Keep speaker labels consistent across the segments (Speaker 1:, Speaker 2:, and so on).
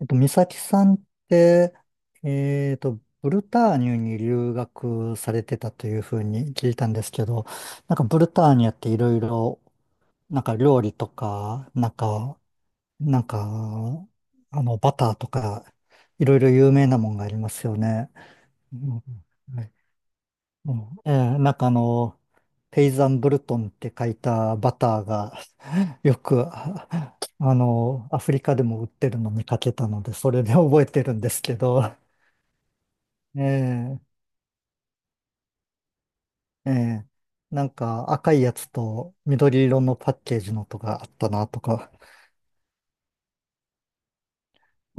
Speaker 1: 美咲さんって、ブルターニュに留学されてたというふうに聞いたんですけど、なんかブルターニュっていろいろ、なんか料理とか、なんか、バターとか、いろいろ有名なもんがありますよね。うん、うん、ええ、なんかペイザンブルトンって書いたバターが よく、アフリカでも売ってるの見かけたので、それで 覚えてるんですけど、ええ、ええ、なんか赤いやつと緑色のパッケージのとかあったなとか、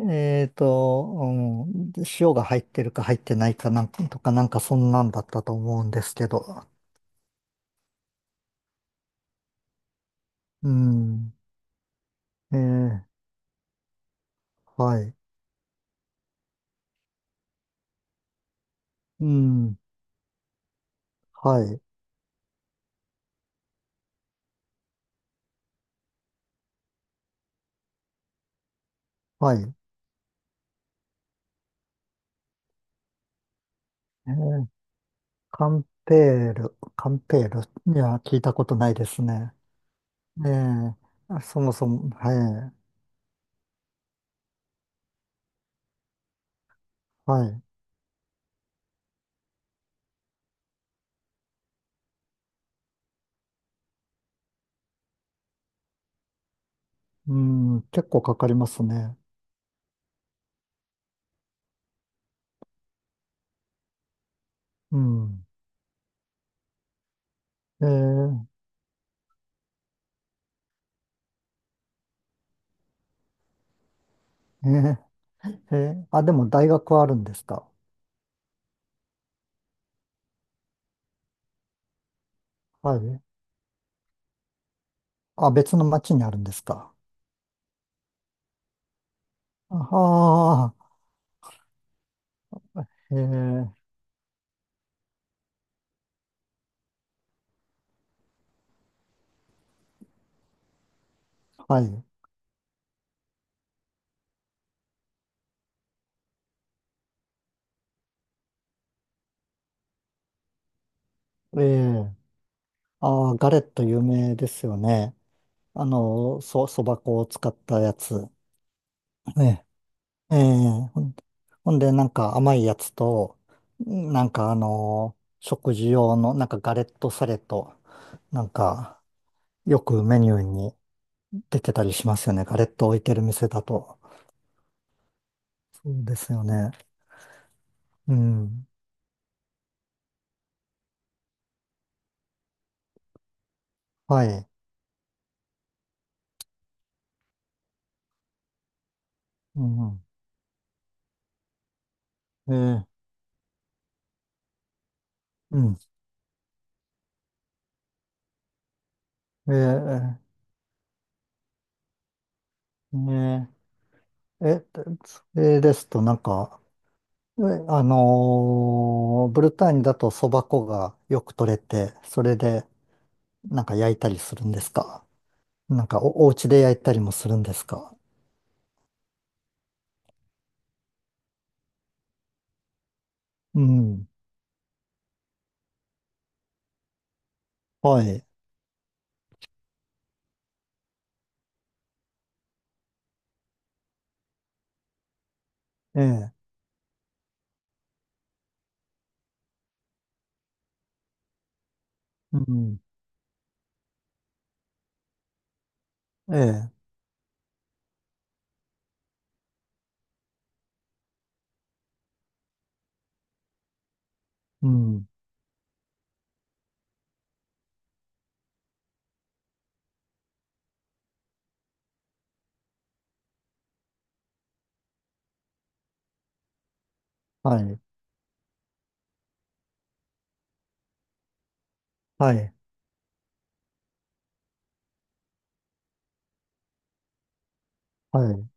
Speaker 1: うん、塩が入ってるか入ってないかなんかとか、なんかそんなんだったと思うんですけど、うん、ええ、はい、うん、はい、はい。ええ、カンペカンペールには聞いたことないですね。ええ、あ、そもそも、はい、はい。うん、結構かかりますね。うん。ええ、ええ、ええ、あ、でも大学はあるんですか？はい。あ、別の町にあるんですか？ああ、ええ、はい。ええ、ああ、ガレット有名ですよね。そば粉を使ったやつ。ええ、ええ、ほんで、なんか甘いやつと、なんか食事用の、なんかガレットサレと、なんか、よくメニューに出てたりしますよね。ガレット置いてる店だと。そうですよね。うん。はい。うん。えー、うん。えねええ、それですと、なんか、えブルターニュだとそば粉がよく取れて、それで、なんか焼いたりするんですか？なんかお家で焼いたりもするんですか？うん。はい。ええ。うん。ええ。うん。はい。はい。はい。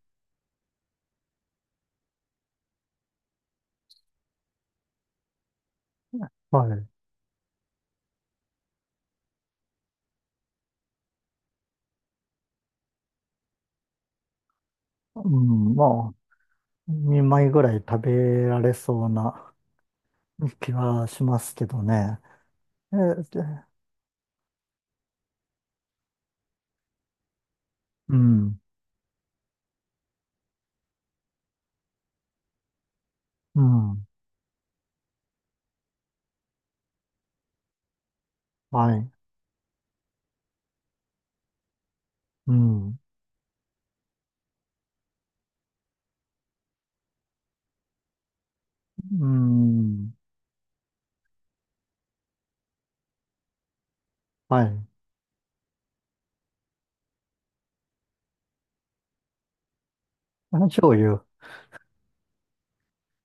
Speaker 1: はい。うん。まあ、2枚ぐらい食べられそうな 気はしますけどね。ええ。で、うん。うん。はい。うん。うん。はい。花醤油。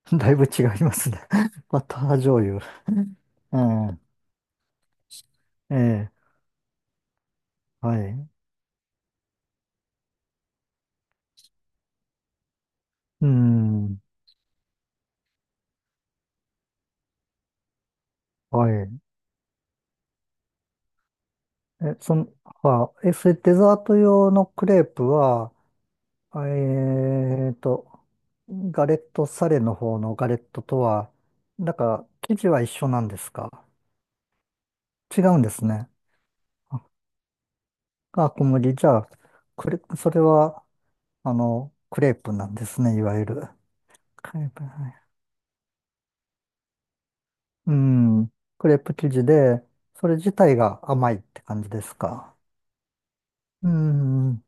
Speaker 1: だいぶ違いますね。バター醤油。ええ。ええ。はい。うん。はい。え、その、あ、え、それデザート用のクレープは、あえーと、ガレットサレの方のガレットとは、なんか、生地は一緒なんですか？違うんですね。あ、あ、小麦。じゃあ、それは、クレープなんですね、いわゆる。クレープ、はい。うん、クレープ生地で、それ自体が甘いって感じですか？うん。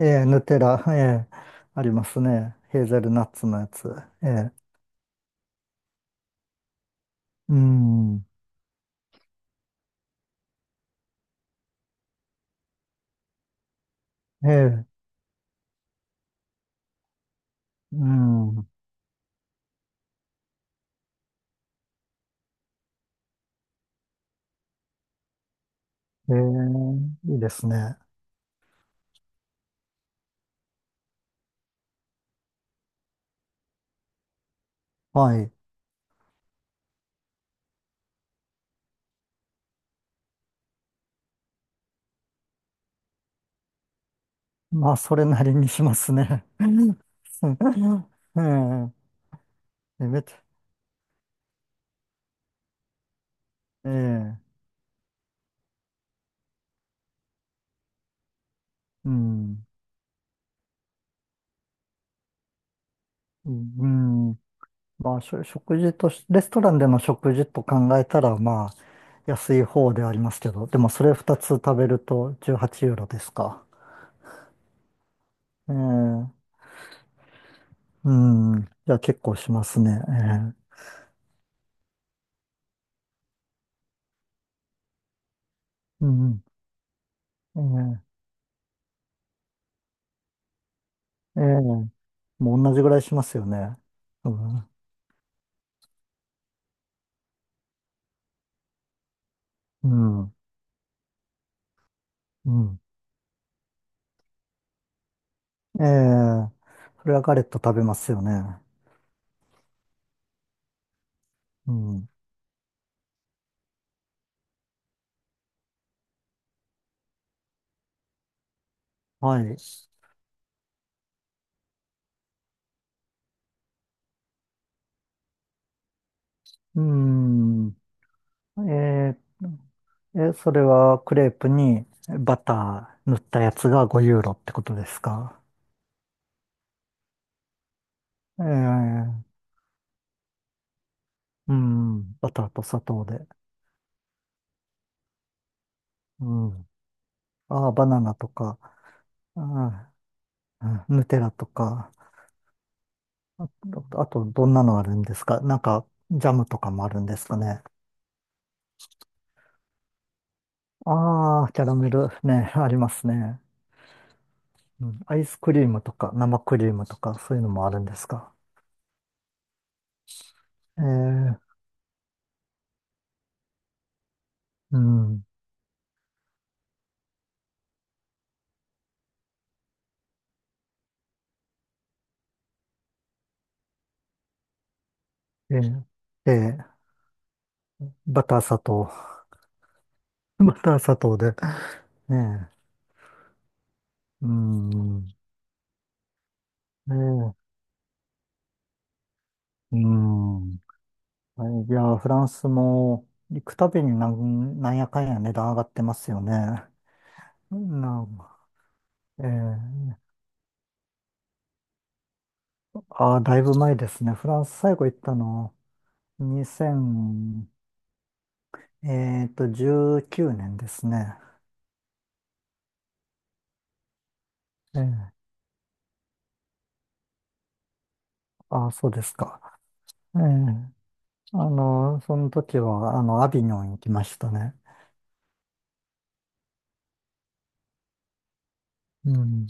Speaker 1: ええ、ヌテラ、ええ、ありますね。ヘーゼルナッツのやつ。ええ、うん、ええ、うん、ええ、いいですね。はい。まあ、それなりにしますね。うん、ええ、めっちゃ、ええ、うん、うん、まあ、しょ食事とし、レストランでの食事と考えたら、まあ、安い方ではありますけど、でもそれ2つ食べると18ユーロですか？ええ、うん。いや、結構しますね。ええ、うん。ええ、ええ、もう同じぐらいしますよね。うん。うん。うん。ええ、それはガレット食べますよね。うん。はい。うん。え、ええ、それはクレープにバター塗ったやつが5ユーロってことですか？ええ、うん。バターと砂糖で。うん。ああ、バナナとか、ああ、うん、ヌテラとか。あと、どんなのあるんですか？なんか、ジャムとかもあるんですかね？ああ、キャラメルね、ありますね。うん、アイスクリームとか、生クリームとか、そういうのもあるんですか？えー、うん。えー、えーバター砂糖。バター砂糖で。ねえ、うん。ねえー、うん。はい、いや、フランスも、行くたびになんやかんや値段上がってますよね。なん、えーああ、だいぶ前ですね。フランス最後行ったの、2 0えっと、19年ですね。ええ、ああ、そうですか。ええ、その時は、アビニョン行きましたね。うん。